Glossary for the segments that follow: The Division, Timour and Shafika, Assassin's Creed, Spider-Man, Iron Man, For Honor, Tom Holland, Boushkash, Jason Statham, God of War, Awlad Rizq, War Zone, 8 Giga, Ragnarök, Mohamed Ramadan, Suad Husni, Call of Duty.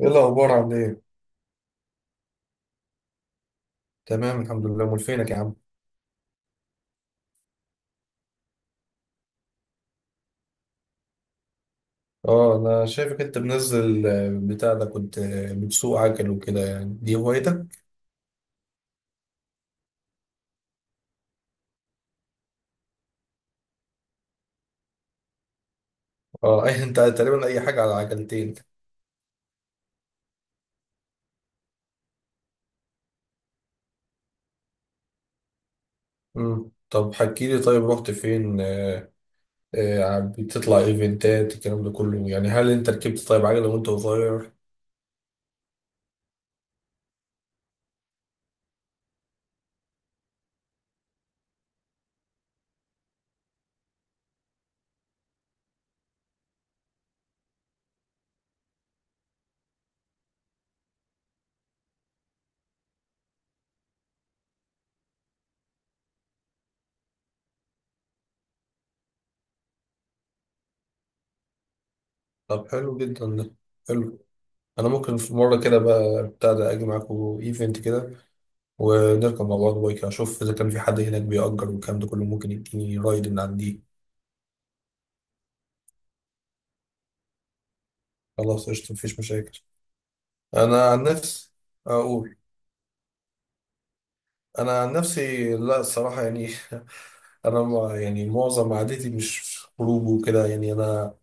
ايه الاخبار؟ عامل ايه؟ تمام، الحمد لله. امال فينك يا عم؟ اه، انا شايفك انت منزل، بتاع ده كنت، بتسوق عجل وكده يعني. دي هوايتك؟ اه اي انت تقريبا اي حاجه على عجلتين. طب حكي لي. طيب رحت فين؟ بتطلع ايفنتات الكلام ده كله؟ يعني هل انت ركبت طيب عجله وانت صغير؟ طب حلو جدا ده، حلو. انا ممكن في مره كده بقى بتاع ده اجي معاكم ايفنت كده، ونركب مع بعض بايك، اشوف اذا كان في حد هناك بيأجر والكلام ده كله، ممكن يديني رايد من عندي. خلاص، قشطة، مفيش مشاكل. أنا عن نفسي أقول، أنا عن نفسي لا، الصراحة يعني. أنا ما يعني معظم عادتي مش خروج وكده يعني. أنا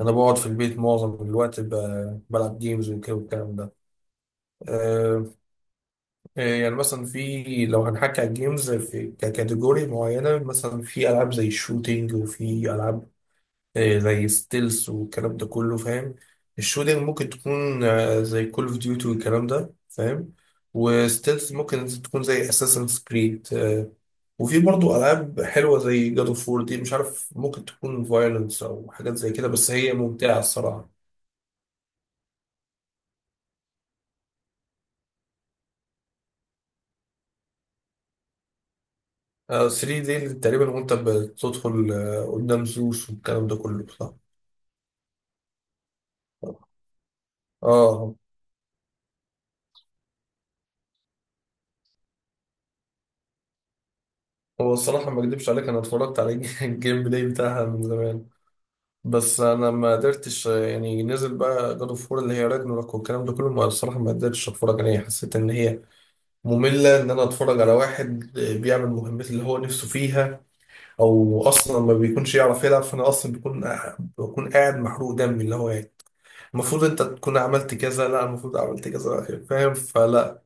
أنا بقعد في البيت معظم الوقت، بلعب جيمز وكده والكلام ده. أه. يعني مثلا في، لو هنحكي على الجيمز، في ككاتيجوري معينة. مثلا في ألعاب زي الشوتينج، وفي ألعاب زي ستيلز والكلام ده كله فاهم. الشوتنج ممكن تكون زي كول اوف ديوتي والكلام ده فاهم. وستيلز ممكن تكون زي اساسنز كريد. وفي برضو العاب حلوه زي جاد اوف وور، دي مش عارف، ممكن تكون فايلنس او حاجات زي كده، بس هي ممتعه الصراحه. 3 دي تقريبا وانت بتدخل قدام زوس والكلام ده كله، صح؟ اه. هو الصراحه ما اكدبش عليك، انا اتفرجت على الجيم بلاي بتاعها من زمان. بس انا ما قدرتش يعني. نزل بقى جاد اوف وور اللي هي راجناروك والكلام ده كله، ما الصراحه ما قدرتش اتفرج عليها. حسيت ان هي ممله، ان انا اتفرج على واحد بيعمل مهمات اللي هو نفسه فيها، او اصلا ما بيكونش يعرف يلعب، فانا اصلا بيكون، بكون قاعد محروق دمي اللي هو يعني المفروض انت تكون عملت كذا، لا المفروض عملت كذا، فاهم؟ فلا.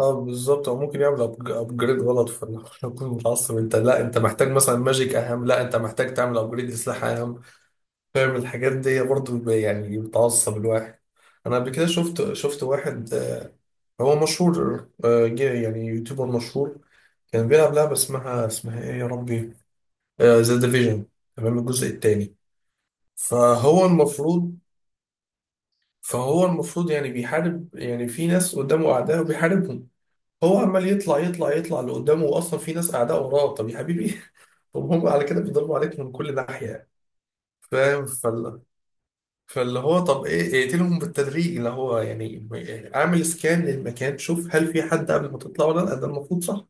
اه بالظبط. او ممكن يعمل ابجريد غلط، فانا اكون متعصب، انت لا انت محتاج مثلا ماجيك اهم، لا انت محتاج تعمل ابجريد لسلاح اهم. فاهم الحاجات دي برضه يعني بتعصب الواحد. انا قبل كده شفت واحد هو مشهور، جه يعني يوتيوبر مشهور. كان بيلعب لعبة اسمها، ايه يا ربي، ذا ديفيجن، تمام، الجزء الثاني. فهو المفروض فهو المفروض يعني بيحارب، يعني في ناس قدامه اعداء وبيحاربهم. هو عمال يطلع يطلع يطلع لقدامه، واصلا في ناس اعداء وراه. طب يا حبيبي طب هم على كده بيضربوا عليك من كل ناحية، فاهم؟ فاللي هو طب ايه، اقتلهم بالتدريج اللي هو يعني اعمل سكان للمكان، شوف هل في حد قبل ما تطلع ولا لا، ده المفروض صح؟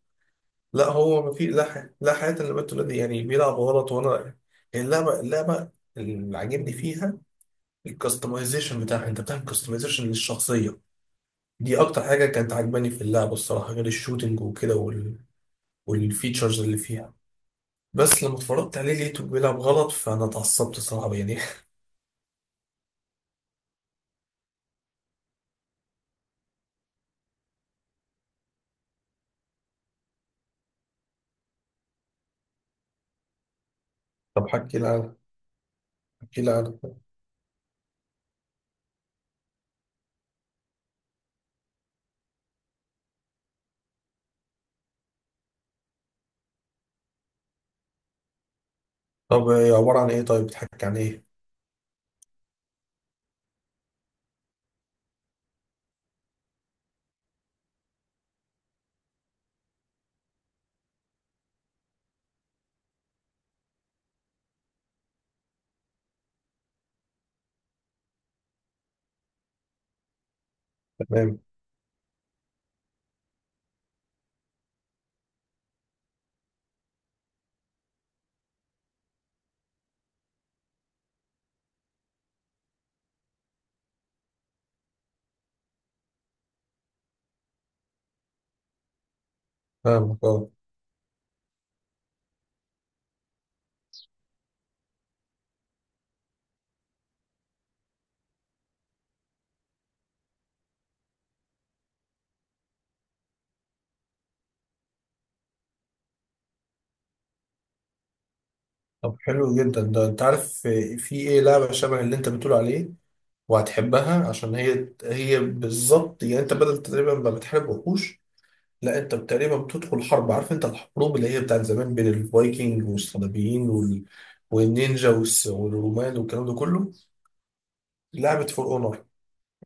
لا، هو ما في. لا حياة لا حياة للبنت دي، يعني بيلعب غلط وانا. اللعبة اللي عاجبني فيها الكستمايزيشن بتاعها، انت بتعمل كستمايزيشن للشخصية. دي اكتر حاجة كانت عاجباني في اللعبة الصراحة، غير الشوتينج وكده وال... والفيتشرز اللي فيها. بس لما اتفرجت عليه لقيته بيلعب غلط، فانا اتعصبت صراحة يعني. طب حكي لي عنها. حكي لي عنها. طب إيه؟ عبارة عن ايه طيب؟ بتحكي عن ايه؟ تمام، فاهمك، اه. طب حلو جدا ده. انت عارف في ايه لعبة شبه اللي انت بتقول عليه وهتحبها، عشان هي هي بالظبط. يعني انت بدل تقريبا ما بتحارب وحوش، لا انت تقريبا بتدخل حرب. عارف انت الحروب اللي هي بتاعت زمان بين الفايكنج والصليبيين وال... والنينجا والس... والرومان والكلام ده كله. لعبة فور اونر.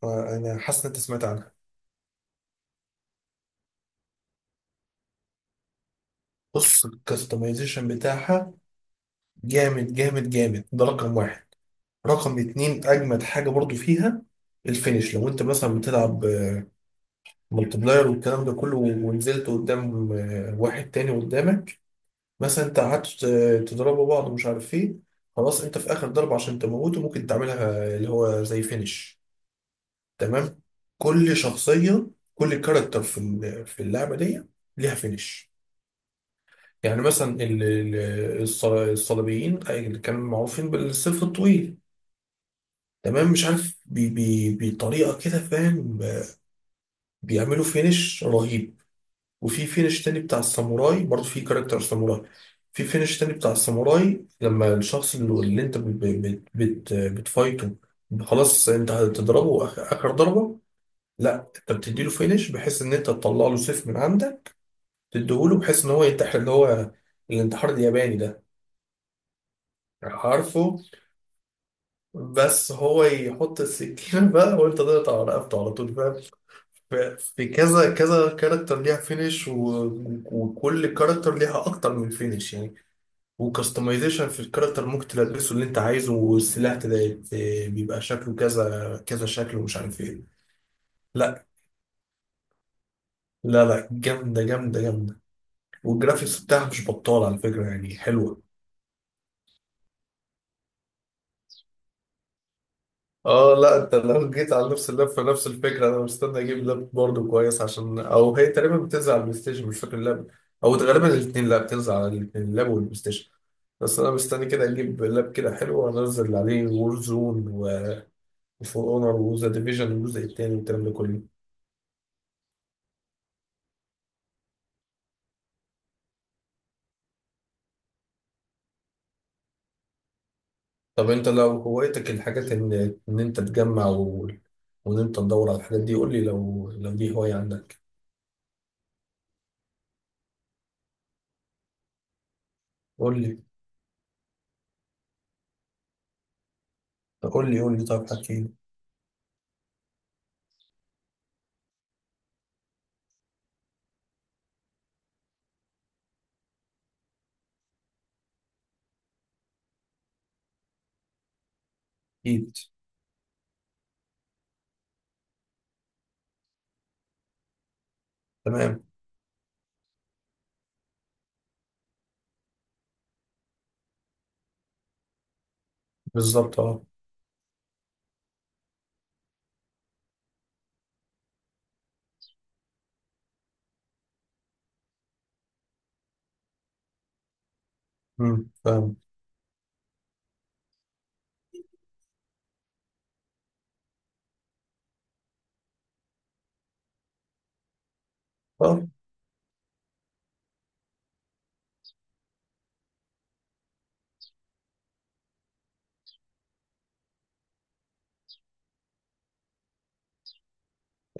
انا حاسس ان انت سمعت عنها. بص الكستمايزيشن بتاعها جامد جامد جامد، ده رقم واحد. رقم اتنين، اجمد حاجه برضو فيها الفينش. لو انت مثلا بتلعب ملتي بلاير والكلام ده كله، ونزلت قدام واحد تاني قدامك، مثلا انت قعدت تضربوا بعض ومش عارف ايه، خلاص، انت في اخر ضربه عشان تموته ممكن تعملها اللي هو زي فينش. تمام. كل شخصيه، كل كاركتر في في اللعبه دي ليها فينش. يعني مثلا الصليبيين، أي اللي كانوا معروفين بالسيف الطويل، تمام، مش عارف بي بي بطريقه كده فاهم، بيعملوا فينش رهيب. وفي فينش تاني بتاع الساموراي، برضه في كاركتر ساموراي. في فينش تاني بتاع الساموراي، لما الشخص اللي انت بت بت بت بتفايته، خلاص انت هتضربه اخر ضربه، لا انت بتديله فينش بحيث ان انت تطلع له سيف من عندك، تديهوله بحيث ان هو ينتحر اللي هو الانتحار الياباني ده، عارفه؟ بس هو يحط السكينه بقى، وانت تقطع رقبته على طول، فاهم؟ ف- في كذا كذا كاركتر ليها فينش، وكل كاركتر ليها اكتر من فينش يعني. وكستمايزيشن في الكاركتر ممكن تلبسه اللي انت عايزه، والسلاح بيبقى شكله كذا كذا شكل ومش عارف ايه. لا، لا لا، جامده جامده جامده. والجرافيكس بتاعها مش بطاله على فكره، يعني حلوه. اه لا، انت لو جيت على نفس اللاب فنفس الفكره. انا مستني اجيب لاب برضه كويس عشان، او هي تقريبا بتنزل على البلاي ستيشن مش فاكر اللاب، او غالبا الاثنين. لا، بتنزل على الاثنين، اللاب والبلاي ستيشن. بس انا مستني كده اجيب لاب كده حلو وانزل عليه وور زون وفور اونر وذا ديفيجن الجزء الثاني والكلام ده كله. طب انت لو هوايتك الحاجات ان انت تجمع و... وان انت تدور على الحاجات دي، قول لي لو دي هوايه عندك. قول لي قول لي قول لي. طب حكي لي. اكيد. تمام. بالظبط، اه. امم، فاهم. اه.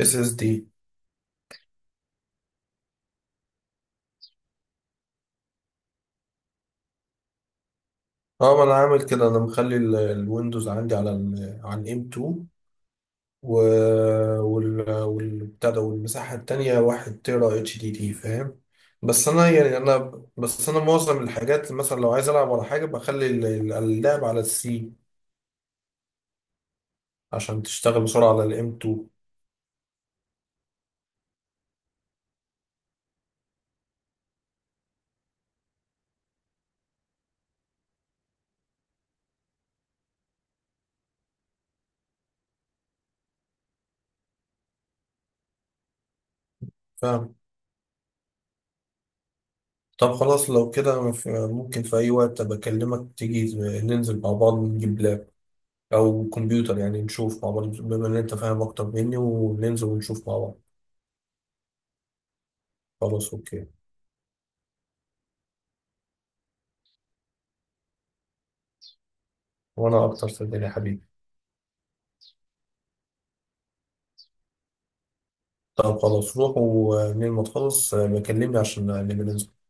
اس اس دي. اه، ما انا عامل كده. انا مخلي الويندوز عندي على ال، على الام 2. و وال، والبتاع ده، والمساحه التانيه 1 تيرا اتش دي دي، فاهم. بس انا يعني انا بس انا معظم الحاجات مثلا لو عايز العب على حاجه بخلي اللعب على السي عشان تشتغل بسرعه على الام 2. فاهم. طب خلاص لو كده ممكن في اي وقت بكلمك تيجي ننزل مع بعض نجيب لاب او كمبيوتر يعني، نشوف مع بعض بما ان انت فاهم اكتر مني، وننزل ونشوف مع بعض. خلاص، اوكي. وانا اكتر صدقني يا حبيبي. طب خلاص روح، ولما تخلص بكلمني عشان نبقى ننزل.